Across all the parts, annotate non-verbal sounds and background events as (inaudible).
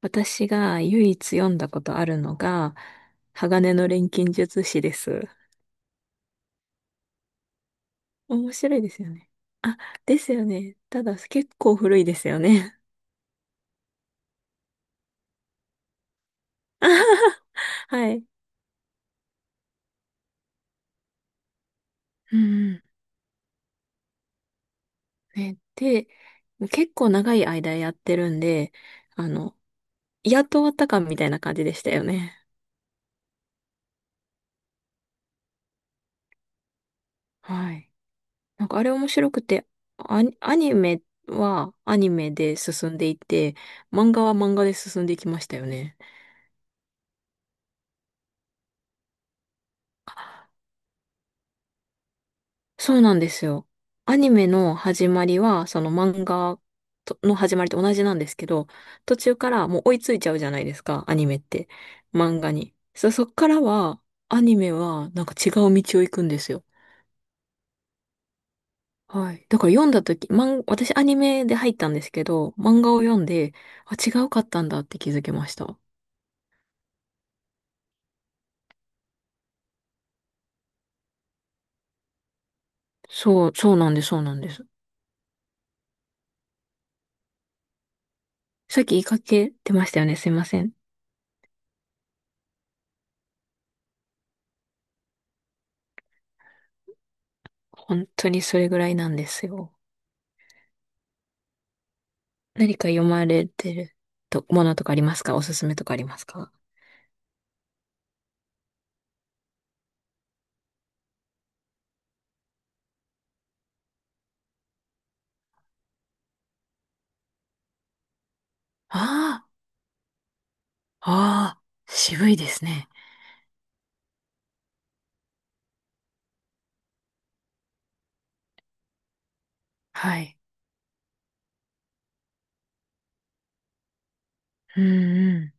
私が唯一読んだことあるのが、鋼の錬金術師です。面白いですよね。あ、ですよね。ただ、結構古いですよね。(laughs) あはははい。うん、ね。で、結構長い間やってるんで、あの、やっと終わったかみたいな感じでしたよね。はい。なんかあれ面白くて、アニメはアニメで進んでいって、漫画は漫画で進んでいきましたよね。そうなんですよ。アニメの始まりは、その漫画との始まりと同じなんですけど、途中からもう追いついちゃうじゃないですか、アニメって。漫画に。そっからは、アニメはなんか違う道を行くんですよ。はい。だから読んだ時、漫私アニメで入ったんですけど、漫画を読んで、あ、違うかったんだって気づきました。そう、そうなんです、そうなんです。さっき言いかけてましたよね、すいません。本当にそれぐらいなんですよ。何か読まれてると、ものとかありますか？おすすめとかありますか？ああ、ああ、渋いですね。はい。うんう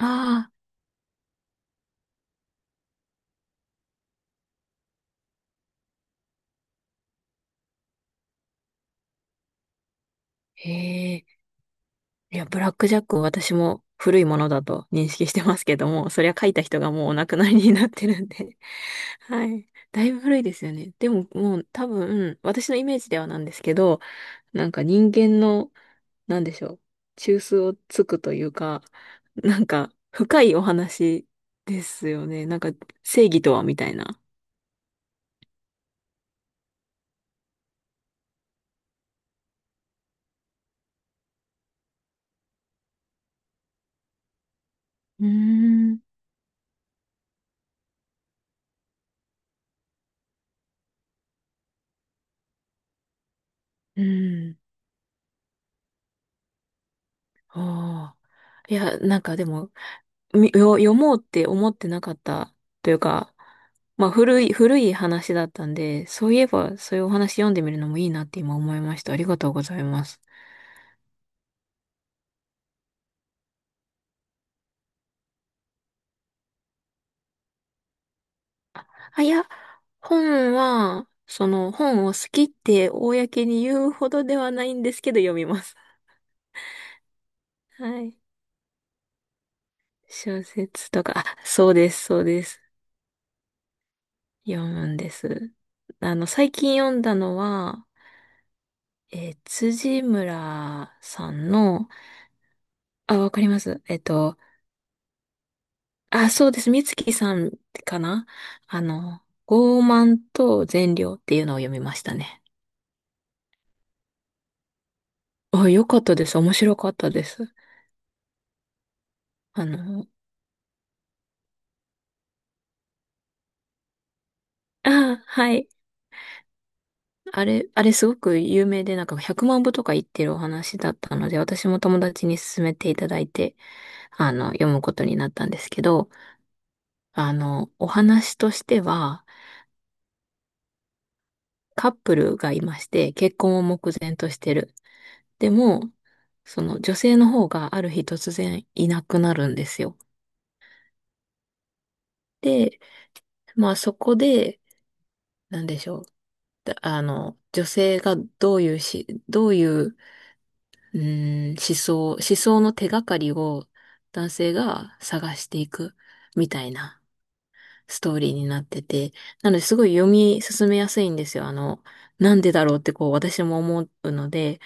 ん。ああ、へえ。いや、ブラックジャックを私も古いものだと認識してますけども、そりゃ書いた人がもうお亡くなりになってるんで。(laughs) はい。だいぶ古いですよね。でももう多分、私のイメージではなんですけど、なんか人間の、なんでしょう、中枢をつくというか、(laughs) なんか、深いお話ですよね。なんか、正義とはみたいな。うーん。うん。ああ。いや、なんかでも、みよ読もうって思ってなかったというか、まあ古い話だったんで、そういえばそういうお話読んでみるのもいいなって今思いました。ありがとうございます。あ、いや、本は、その本を好きって公に言うほどではないんですけど読みます。はい。小説とか、あ、そうです、そうです。読むんです。最近読んだのは、辻村さんの、あ、わかります。あ、そうです。美月さんかな。あの、傲慢と善良っていうのを読みましたね。あ、よかったです。面白かったです。あの、はい。あれ、あれすごく有名で、なんか100万部とか言ってるお話だったので、私も友達に勧めていただいて、読むことになったんですけど、お話としては、カップルがいまして、結婚を目前としてる。でも、その女性の方がある日突然いなくなるんですよ。で、まあそこで、なんでしょう、だあの、女性がどういう、思想の手がかりを男性が探していくみたいなストーリーになってて、なのですごい読み進めやすいんですよ。なんでだろうってこう私も思うので、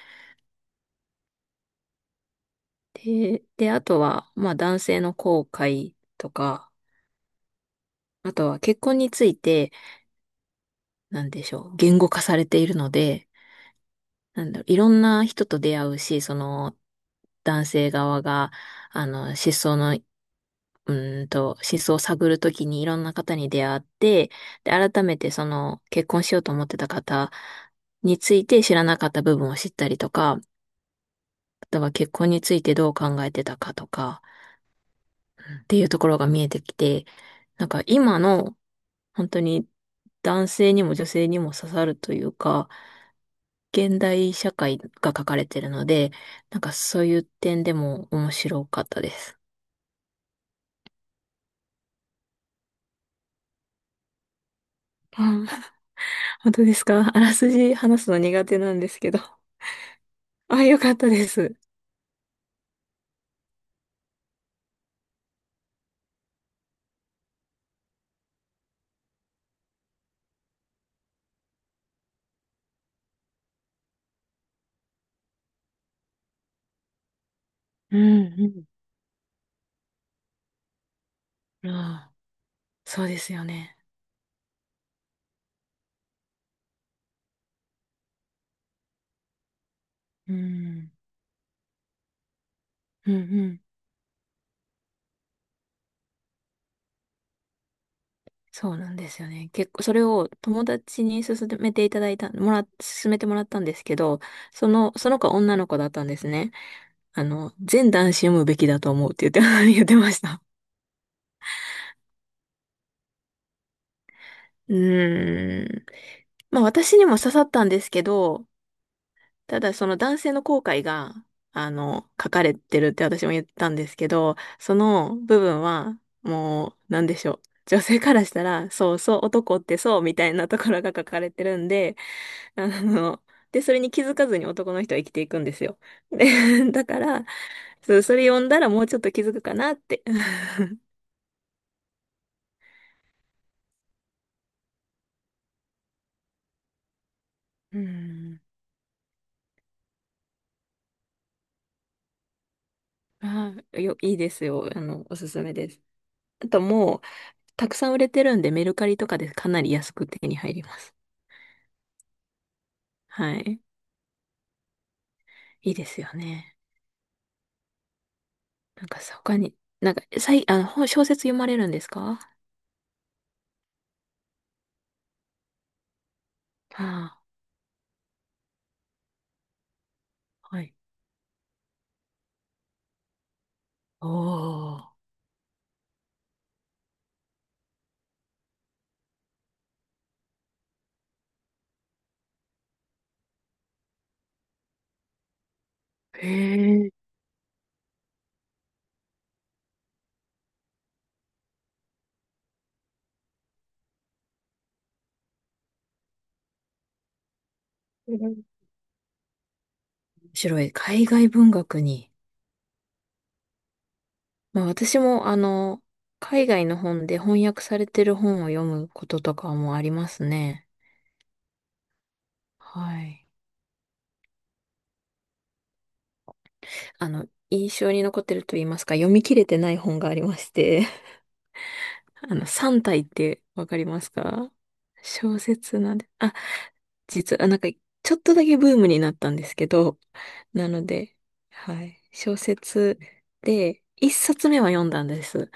で、あとは、まあ男性の後悔とか、あとは結婚について、なんでしょう、言語化されているので、なんだろう、いろんな人と出会うし、その、男性側が、失踪の、失踪を探るときにいろんな方に出会って、で、改めてその、結婚しようと思ってた方について知らなかった部分を知ったりとか、あとは結婚についてどう考えてたかとか、っていうところが見えてきて、なんか今の本当に男性にも女性にも刺さるというか、現代社会が書かれてるので、なんかそういう点でも面白かったです。うん。本当ですか？ (laughs) あらすじ話すの苦手なんですけど。(laughs) あ、よかったです。うんうん。ああ、そうですよね。うん。うんうん、そうなんですよね。結構、それを友達に勧めていただいた、もら、勧めてもらったんですけど、その子は女の子だったんですね。あの、全男子読むべきだと思うって言って、(laughs) 言ってました。うーん。まあ私にも刺さったんですけど、ただその男性の後悔が、書かれてるって私も言ったんですけど、その部分は、もう、なんでしょう、女性からしたら、そうそう、男ってそう、みたいなところが書かれてるんで、あの、で、それに気づかずに男の人は生きていくんですよ。で、(laughs) だから、そう、それ読んだらもうちょっと気づくかなって。(laughs) うん。(laughs) あいいですよ。あの、おすすめです。あともう、たくさん売れてるんで、メルカリとかでかなり安く手に入ります。はい。いいですよね。なんかさ、他に、あの、本小説読まれるんですか？ああ、はい。おー。へえ。面白い。海外文学に。まあ私もあの、海外の本で翻訳されてる本を読むこととかもありますね。はい。あの、印象に残ってると言いますか、読み切れてない本がありまして、(laughs) あの、三体ってわかりますか？小説なんで、あ、実はなんか、ちょっとだけブームになったんですけど、なので、はい。小説で、一冊目は読んだんです。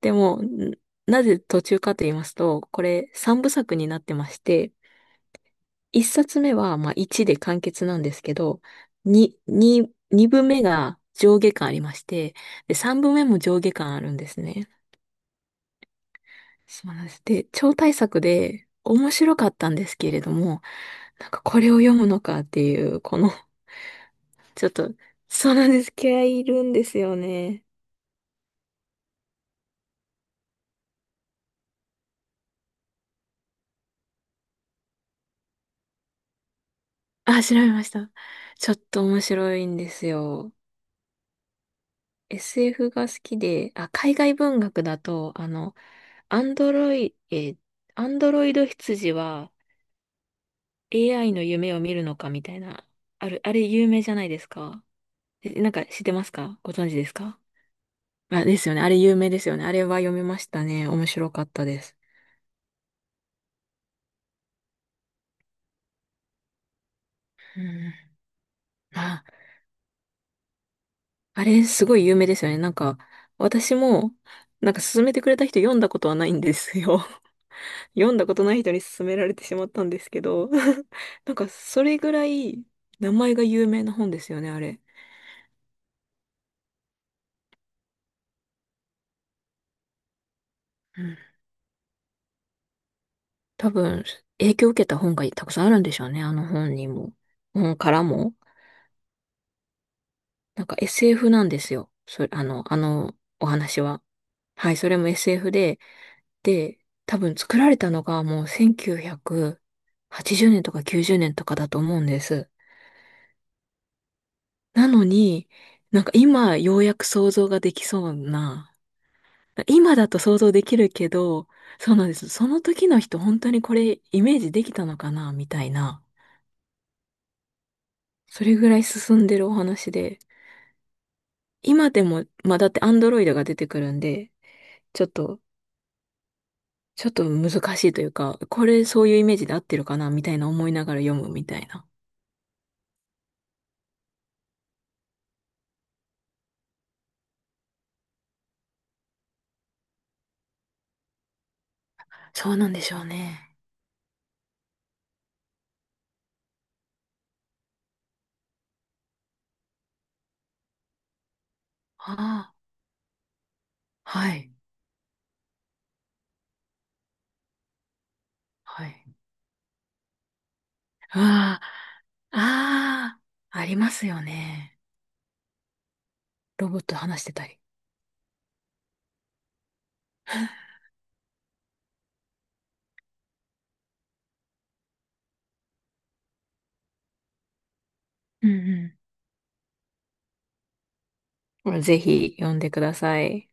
でも、んなぜ途中かと言いますと、これ三部作になってまして、一冊目は、まあ、1で完結なんですけど、2部目が上下巻ありまして、で、3部目も上下巻あるんですね。そうなんです。で、超大作で面白かったんですけれども、なんかこれを読むのかっていう、この (laughs) ちょっと、そうなんです。気合いいるんですよね。あ、調べました。ちょっと面白いんですよ。SF が好きで、あ、海外文学だと、アンドロイ、えーアンドロイド羊は AI の夢を見るのかみたいな、あれ有名じゃないですか。えなんか知ってますか？ご存知ですか？あ、ですよね。あれ有名ですよね。あれは読みましたね。面白かったです。うん。あ、あれすごい有名ですよね。なんか、私も、なんか勧めてくれた人読んだことはないんですよ。(laughs) 読んだことない人に勧められてしまったんですけど、(laughs) なんかそれぐらい名前が有名な本ですよね、あれ。多分、影響を受けた本がたくさんあるんでしょうね。あの本にも。本からも。なんか SF なんですよ。それ、あのお話は。はい、それも SF で。で、多分作られたのがもう1980年とか90年とかだと思うんです。なのに、なんか今ようやく想像ができそうな。今だと想像できるけど、そうなんです。その時の人本当にこれイメージできたのかなみたいな。それぐらい進んでるお話で。今でも、まあだってアンドロイドが出てくるんで、ちょっと、ちょっとしいというか、これそういうイメージで合ってるかなみたいな思いながら読むみたいな。そうなんでしょうね。ああ、はい、はい。ああ、ああ、ありますよね。ロボット話してたり。うんうん。ぜひ読んでください。